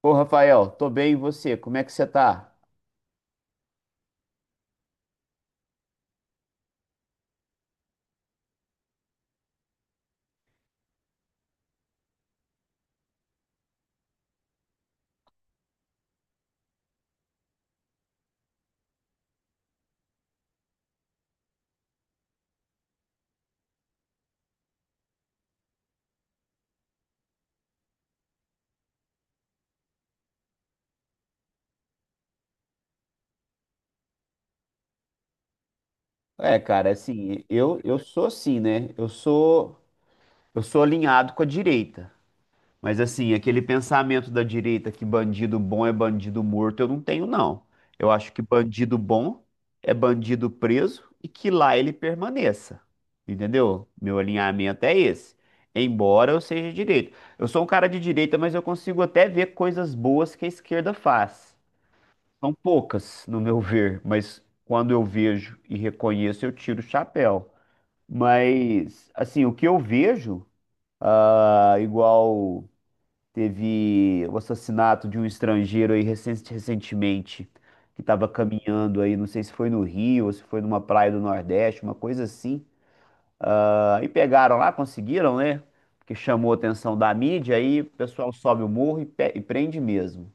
Ô, Rafael, tô bem, e você? Como é que você tá? É, cara, assim, eu sou assim, né? Eu sou alinhado com a direita. Mas assim, aquele pensamento da direita que bandido bom é bandido morto, eu não tenho, não. Eu acho que bandido bom é bandido preso e que lá ele permaneça. Entendeu? Meu alinhamento é esse. Embora eu seja direito. Eu sou um cara de direita, mas eu consigo até ver coisas boas que a esquerda faz. São poucas, no meu ver, mas quando eu vejo e reconheço, eu tiro o chapéu. Mas, assim, o que eu vejo, igual teve o assassinato de um estrangeiro aí recentemente, que estava caminhando aí, não sei se foi no Rio ou se foi numa praia do Nordeste, uma coisa assim. Ah, e pegaram lá, conseguiram, né? Porque chamou a atenção da mídia, aí o pessoal sobe o morro e, e prende mesmo.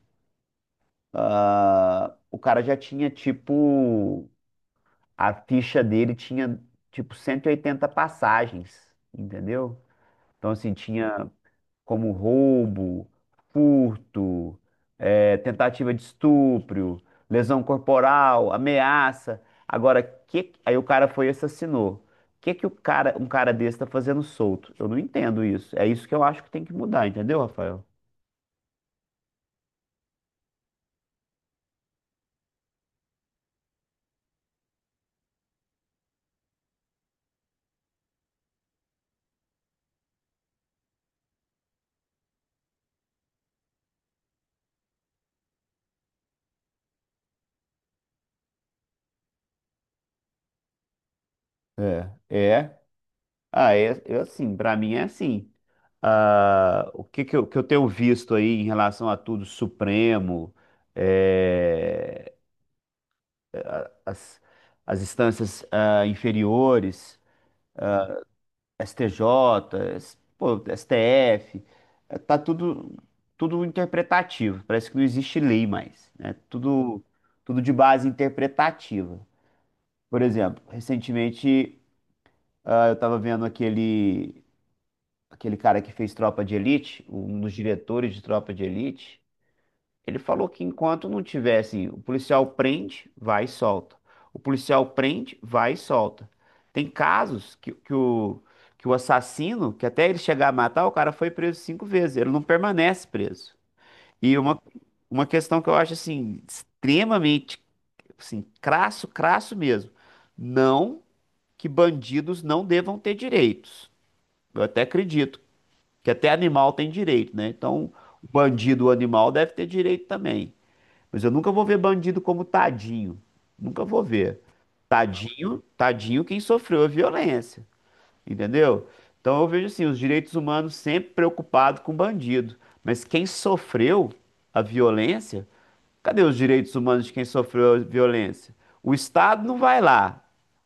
Ah, o cara já tinha, tipo a ficha dele tinha tipo 180 passagens, entendeu? Então, assim, tinha como roubo, furto, tentativa de estupro, lesão corporal, ameaça. Agora, aí o cara foi e assassinou. O que que o cara, um cara desse tá fazendo solto? Eu não entendo isso. É isso que eu acho que tem que mudar, entendeu, Rafael? É, é. Ah, é, eu assim, pra mim é assim. Ah, o que que eu tenho visto aí em relação a tudo Supremo, é, a- as, as instâncias inferiores, STJ, pô, STF, tá tudo interpretativo. Parece que não existe lei mais, né? Tudo de base interpretativa. Por exemplo, recentemente eu estava vendo aquele cara que fez Tropa de Elite, um dos diretores de Tropa de Elite, ele falou que enquanto não tivesse, o policial prende, vai e solta. O policial prende, vai e solta. Tem casos que o assassino, que até ele chegar a matar, o cara foi preso cinco vezes, ele não permanece preso. E uma questão que eu acho assim, extremamente assim, crasso, crasso mesmo. Não que bandidos não devam ter direitos. Eu até acredito que até animal tem direito, né? Então, o bandido, o animal, deve ter direito também. Mas eu nunca vou ver bandido como tadinho. Nunca vou ver. Tadinho, tadinho quem sofreu a violência, entendeu? Então eu vejo assim, os direitos humanos sempre preocupados com bandido, mas quem sofreu a violência. Cadê os direitos humanos de quem sofreu violência? O Estado não vai lá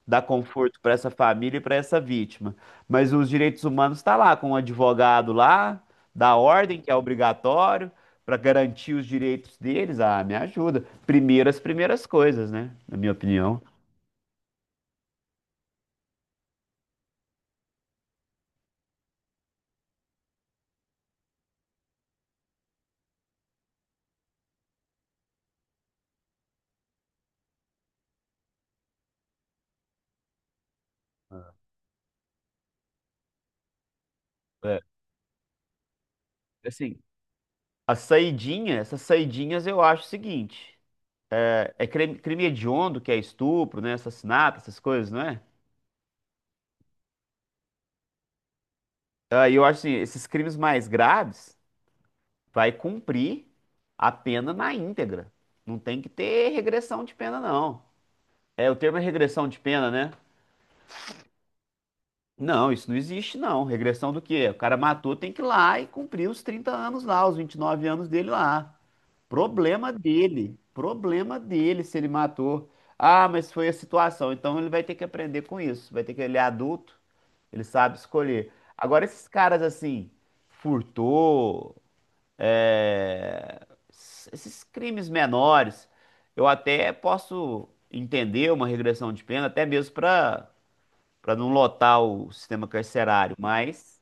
dar conforto para essa família e para essa vítima, mas os direitos humanos está lá com o advogado lá, da ordem que é obrigatório para garantir os direitos deles. Ah, me ajuda. Primeiro as primeiras coisas, né? Na minha opinião. É, assim, a saidinha, essas saidinhas eu acho o seguinte, é crime, crime hediondo, que é estupro, né? Assassinato, essas coisas, não é? Ah, e eu acho assim, esses crimes mais graves vai cumprir a pena na íntegra. Não tem que ter regressão de pena, não. É, o termo é regressão de pena, né? Não, isso não existe, não. Regressão do quê? O cara matou, tem que ir lá e cumprir os 30 anos lá, os 29 anos dele lá. Problema dele. Problema dele se ele matou. Ah, mas foi a situação. Então ele vai ter que aprender com isso. Vai ter que, ele é adulto, ele sabe escolher. Agora, esses caras assim, furtou, esses crimes menores, eu até posso entender uma regressão de pena, até mesmo para não lotar o sistema carcerário, mas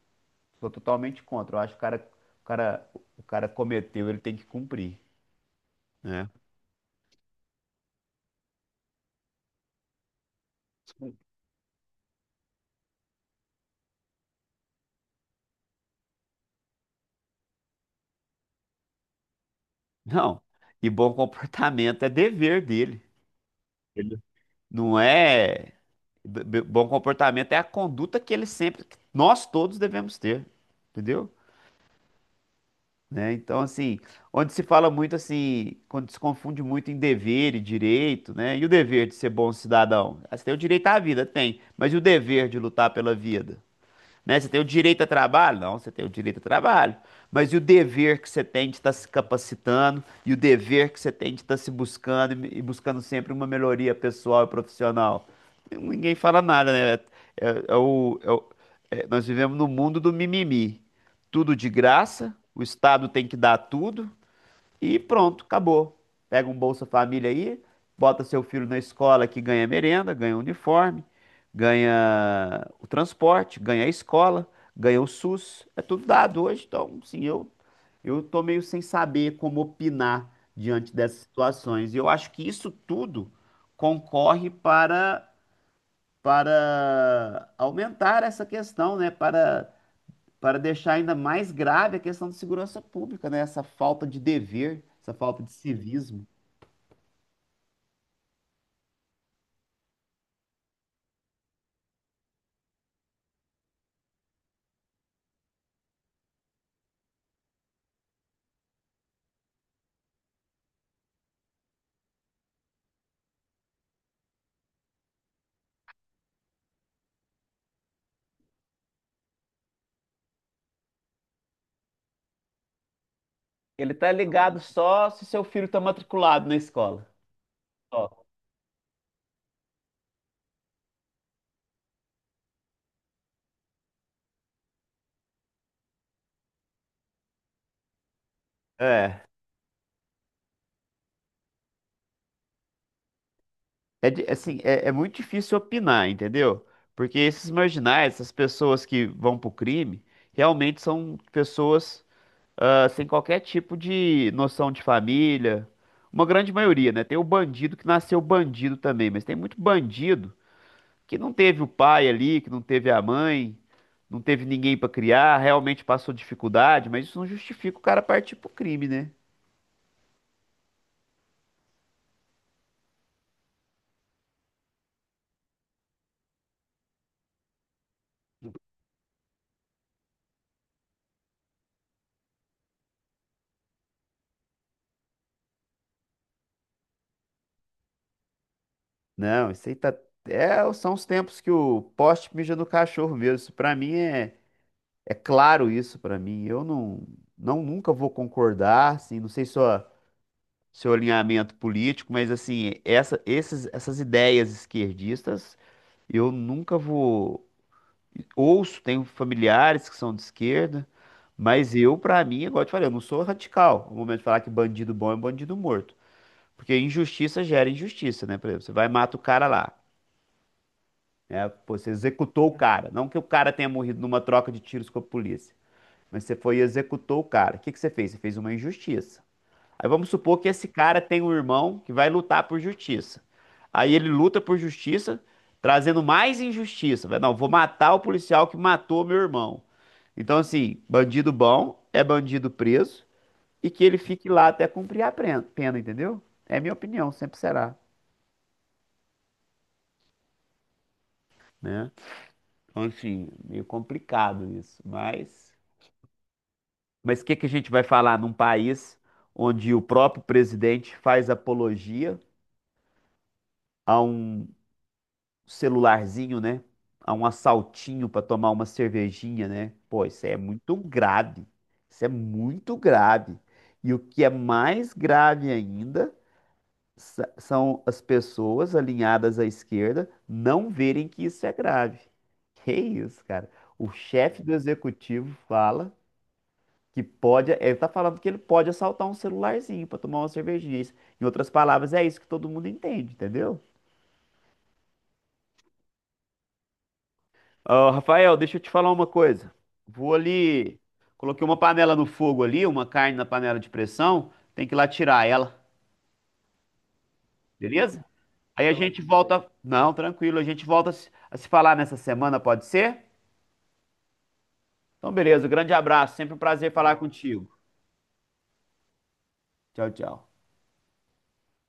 sou totalmente contra. Eu acho que o cara, o cara cometeu, ele tem que cumprir, né? Não, e bom comportamento é dever dele, não é. Bom comportamento é a conduta que ele sempre, que nós todos devemos ter, entendeu? Né? Então, assim, onde se fala muito assim, quando se confunde muito em dever e direito, né? E o dever de ser bom cidadão? Ah, você tem o direito à vida, tem, mas e o dever de lutar pela vida? Né? Você tem o direito a trabalho? Não, você tem o direito a trabalho. Mas e o dever que você tem de estar se capacitando e o dever que você tem de estar se buscando e buscando sempre uma melhoria pessoal e profissional? Ninguém fala nada, né? É- é o- é o- É, nós vivemos no mundo do mimimi. Tudo de graça, o Estado tem que dar tudo, e pronto, acabou. Pega um Bolsa Família aí, bota seu filho na escola que ganha merenda, ganha uniforme, ganha o transporte, ganha a escola, ganha o SUS. É tudo dado hoje, então, sim, eu tô meio sem saber como opinar diante dessas situações. E eu acho que isso tudo concorre para aumentar essa questão, né? Para deixar ainda mais grave a questão da segurança pública, né? Essa falta de dever, essa falta de civismo. Ele tá ligado só se seu filho tá matriculado na escola. Ó, é, assim, é, é muito difícil opinar, entendeu? Porque esses marginais, essas pessoas que vão pro crime, realmente são pessoas sem qualquer tipo de noção de família. Uma grande maioria, né? Tem o bandido que nasceu bandido também, mas tem muito bandido que não teve o pai ali, que não teve a mãe, não teve ninguém pra criar, realmente passou dificuldade, mas isso não justifica o cara partir pro crime, né? Não, isso aí tá. É, são os tempos que o poste mija no cachorro mesmo. Isso pra mim é, é claro isso pra mim. Eu não, não nunca vou concordar, assim, não sei só seu alinhamento político, mas assim, essas ideias esquerdistas, eu nunca vou. Ouço, tenho familiares que são de esquerda, mas eu, pra mim, igual eu te falei, eu não sou radical. No momento de falar que bandido bom é bandido morto. Porque injustiça gera injustiça, né? Por exemplo, você vai e mata o cara lá, né? Pô, você executou o cara. Não que o cara tenha morrido numa troca de tiros com a polícia, mas você foi e executou o cara. O que que você fez? Você fez uma injustiça. Aí vamos supor que esse cara tem um irmão que vai lutar por justiça. Aí ele luta por justiça, trazendo mais injustiça. Vai, não, vou matar o policial que matou meu irmão. Então, assim, bandido bom é bandido preso e que ele fique lá até cumprir a pena, entendeu? É minha opinião, sempre será, né? Então, enfim, meio complicado isso, mas. Mas o que que a gente vai falar num país onde o próprio presidente faz apologia a um celularzinho, né? A um assaltinho para tomar uma cervejinha, né? Pô, isso é muito grave. Isso é muito grave. E o que é mais grave ainda são as pessoas alinhadas à esquerda não verem que isso é grave. Que isso, cara? O chefe do executivo fala que pode, ele tá falando que ele pode assaltar um celularzinho para tomar uma cervejinha. Isso. Em outras palavras, é isso que todo mundo entende, entendeu? Ô, Rafael, deixa eu te falar uma coisa. Vou ali. Coloquei uma panela no fogo ali, uma carne na panela de pressão. Tem que ir lá tirar ela, beleza? Aí a gente volta. Não, tranquilo, a gente volta a se falar nessa semana, pode ser? Então, beleza. Grande abraço. Sempre um prazer falar contigo. Tchau, tchau.